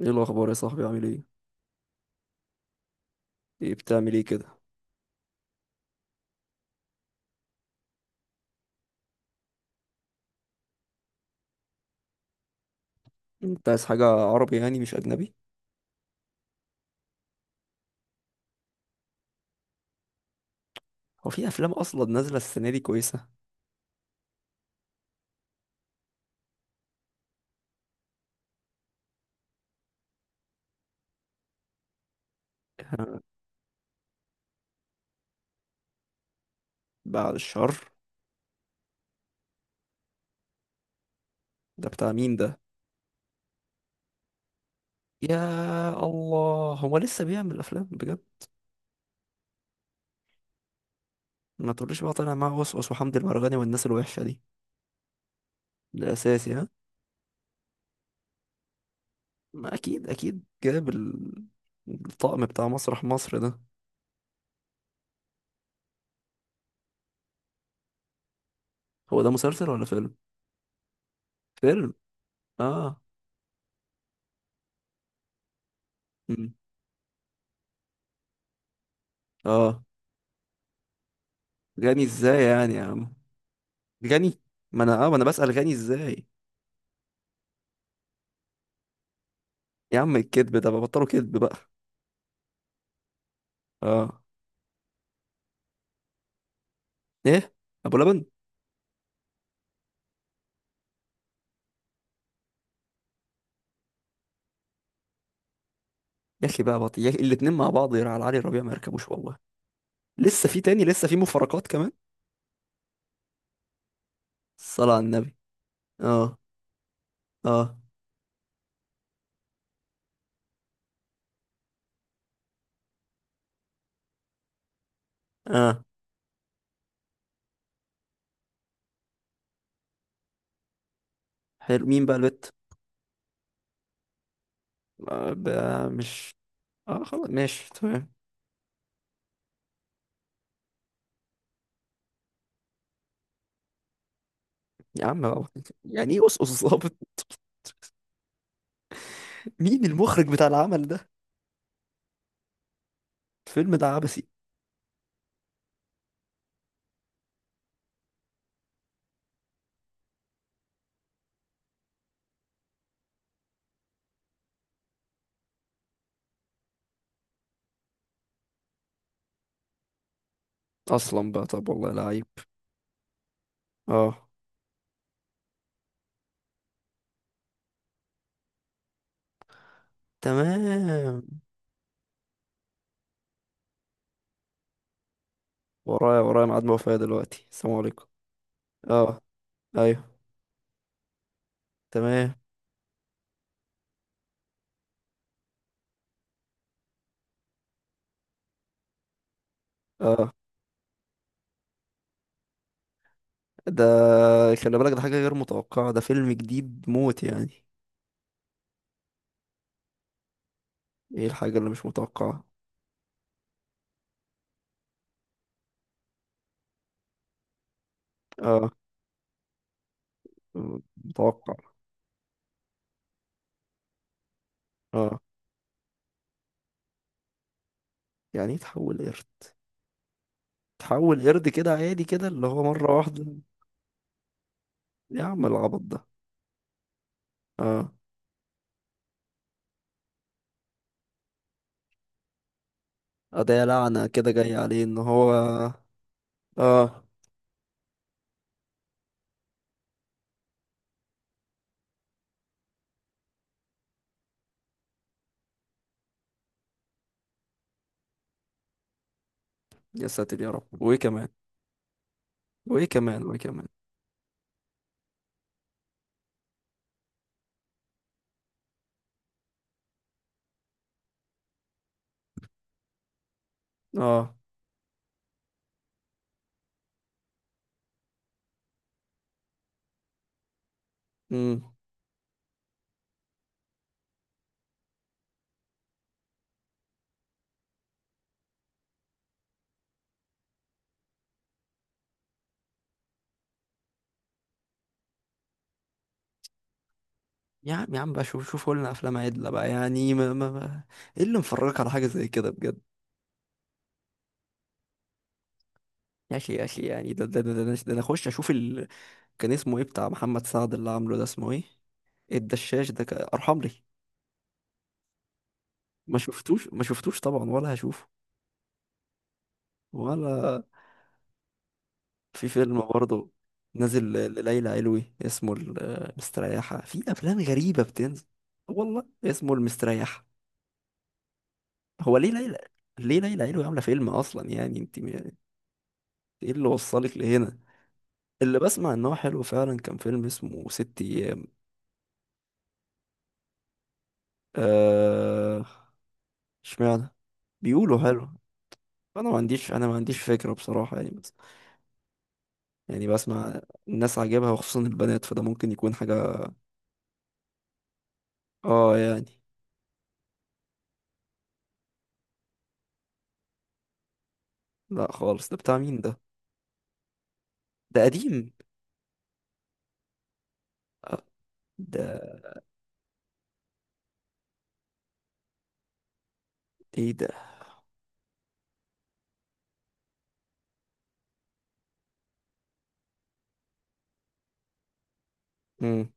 ايه الاخبار يا صاحبي؟ عامل ايه؟ ايه بتعمل ايه كده؟ انت عايز حاجه عربي يعني، مش اجنبي؟ هو في افلام اصلا نازله السنه دي كويسه؟ آه، بعد الشر ده بتاع مين ده؟ يا الله، هو لسه بيعمل افلام بجد؟ ما تقوليش بقى طالع معاه وسوس وحمد المرغني والناس الوحشه دي. ده اساسي، ها؟ ما اكيد اكيد جاب الطقم بتاع مسرح مصر ده. هو ده مسلسل ولا فيلم؟ فيلم. اه. مم. اه. غني ازاي يعني يا عم؟ غني. ما انا بسأل غني ازاي. يا عم الكذب ده بقى، بطلوا كذب بقى. اه. ايه؟ ابو لبن. يا اخي بقى بطي، يا أخي الاتنين مع بعض يا على علي ربيع ما يركبوش والله. لسه في تاني، لسه في مفارقات كمان. الصلاة على النبي. اه اه اه. حلو، مين بقى البت؟ آه بقى مش. اه خلاص، ماشي تمام. يا عم بقى بطي. يعني ايه اسقط الظابط؟ مين المخرج بتاع العمل ده؟ الفيلم ده عبثي. اصلا بقى، طب والله لعيب. اه. تمام. ورايا ورايا ميعاد وفاة دلوقتي، السلام عليكم. اه، ايوه، تمام. اه. ده خلي بالك، ده حاجة غير متوقعة، ده فيلم جديد موت يعني. ايه الحاجة اللي مش متوقعة؟ اه، متوقع. اه. يعني ايه تحول قرد؟ تحول قرد كده عادي، كده اللي هو مرة واحدة. يا عم العبط ده. اه. آه، ده يا لعنة كده جاية عليه ان هو. اه. يا ساتر يا رب، وايه كمان، وايه كمان، وايه كمان. اه. امم يا عم يا عم بقى، شوف شوفوا لنا افلام عدلة بقى يعني ايه اللي مفرجك على حاجة زي كده بجد؟ يا اخي يا اخي، يعني ده انا اخش اشوف. كان اسمه ايه بتاع محمد سعد اللي عامله ده، اسمه ايه؟ الدشاش ده، ارحم لي. ما شفتوش طبعا، ولا هشوفه. ولا. في فيلم برضه نازل لليلى علوي اسمه المستريحة، في أفلام غريبة بتنزل. والله اسمه المستريحة. هو ليه ليلى ليه ليلى علوي عاملة فيلم أصلا يعني انت ايه اللي وصلك لهنا؟ اللي بسمع ان هو حلو فعلا كان فيلم اسمه ست أيام. آه... اشمعنى. بيقولوا حلو. انا ما عنديش فكرة بصراحة يعني. يعني بسمع. الناس عاجبها وخصوصا البنات، فده ممكن يكون حاجة. اه يعني. لا خالص، ده بتاع مين ده؟ ده قديم. ده ايه ده؟ مم.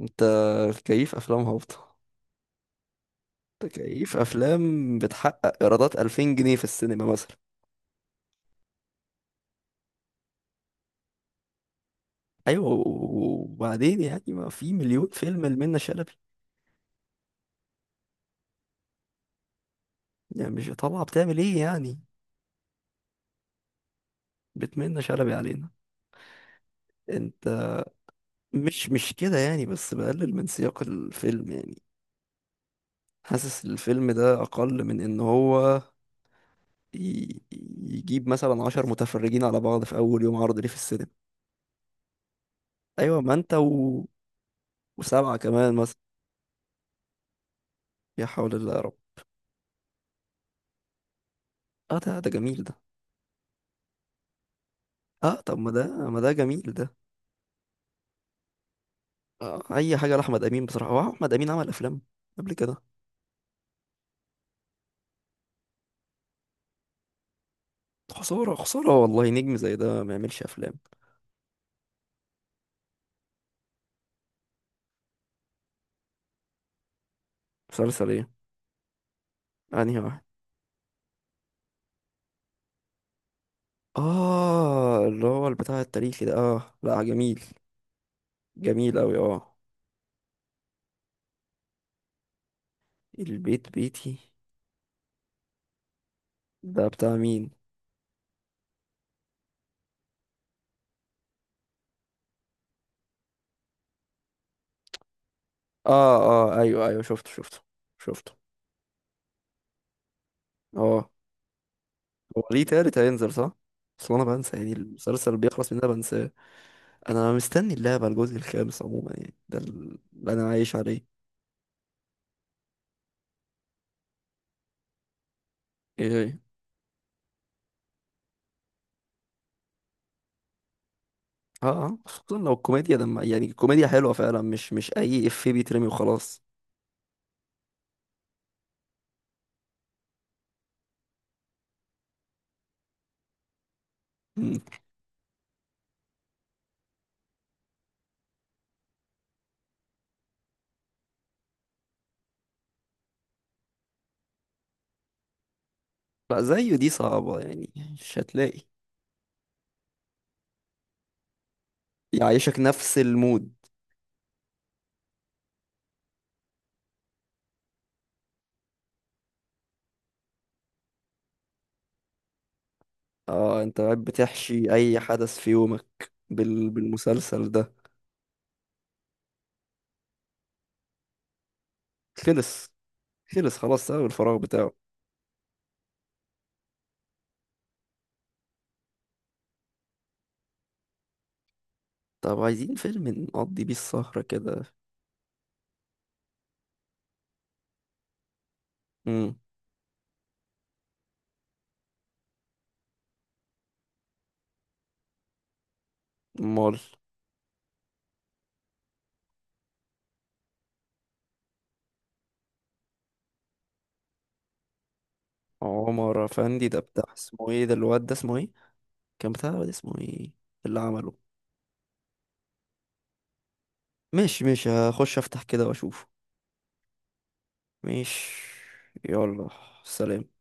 انت كيف افلام هابطة؟ انت كيف افلام بتحقق ايرادات 2000 جنيه في السينما مثلا؟ ايوه، وبعدين يعني ما في مليون فيلم لمنى شلبي. يعني مش طالعة بتعمل ايه يعني؟ بتمنى شلبي علينا. انت مش كده يعني، بس بقلل من سياق الفيلم يعني. حاسس الفيلم ده اقل من ان هو ي- يجيب مثلا عشر متفرجين على بعض في أول يوم عرض ليه في السينما. أيوة ما أنت وسبعة كمان مثلا. يا حول الله يا رب. أه ده جميل ده. أه طب ما ده جميل ده. أه أي حاجة لأحمد أمين بصراحة. هو أحمد أمين عمل أفلام قبل كده؟ خسارة خسارة والله، نجم زي ده ما يعملش أفلام. مسلسل إيه؟ أنهي واحد؟ آه، اللي هو البتاع التاريخي ده، آه، لا جميل. جميل أوي، آه. البيت بيتي. ده بتاع مين؟ آه، آه، أيوه أيوه، شفته شفته شفته. اه. هو ليه تالت هينزل صح؟ بس انا بنسى يعني، المسلسل بيخلص من ده بنساه. انا مستني اللعبة الجزء الخامس عموما، يعني ده اللي انا عايش عليه. ايه؟ إيه؟ اه اه، خصوصا لو الكوميديا دم، يعني الكوميديا حلوة فعلا، مش اي افيه بيترمي وخلاص. مم. لا زيه دي صعبة، يعني مش هتلاقي. يعيشك نفس المود. اه، انت قاعد بتحشي اي حدث في يومك بالمسلسل ده. خلص خلص، خلاص سبب الفراغ بتاعه. طب عايزين فيلم نقضي بيه السهرة كده. مم. مول. عمر افندي ده بتاع اسمه ايه، ده الواد ده اسمه ايه؟ كان بتاع الواد اسمه ايه اللي عمله؟ ماشي ماشي، هخش افتح كده واشوف. ماشي. يلا. سلام.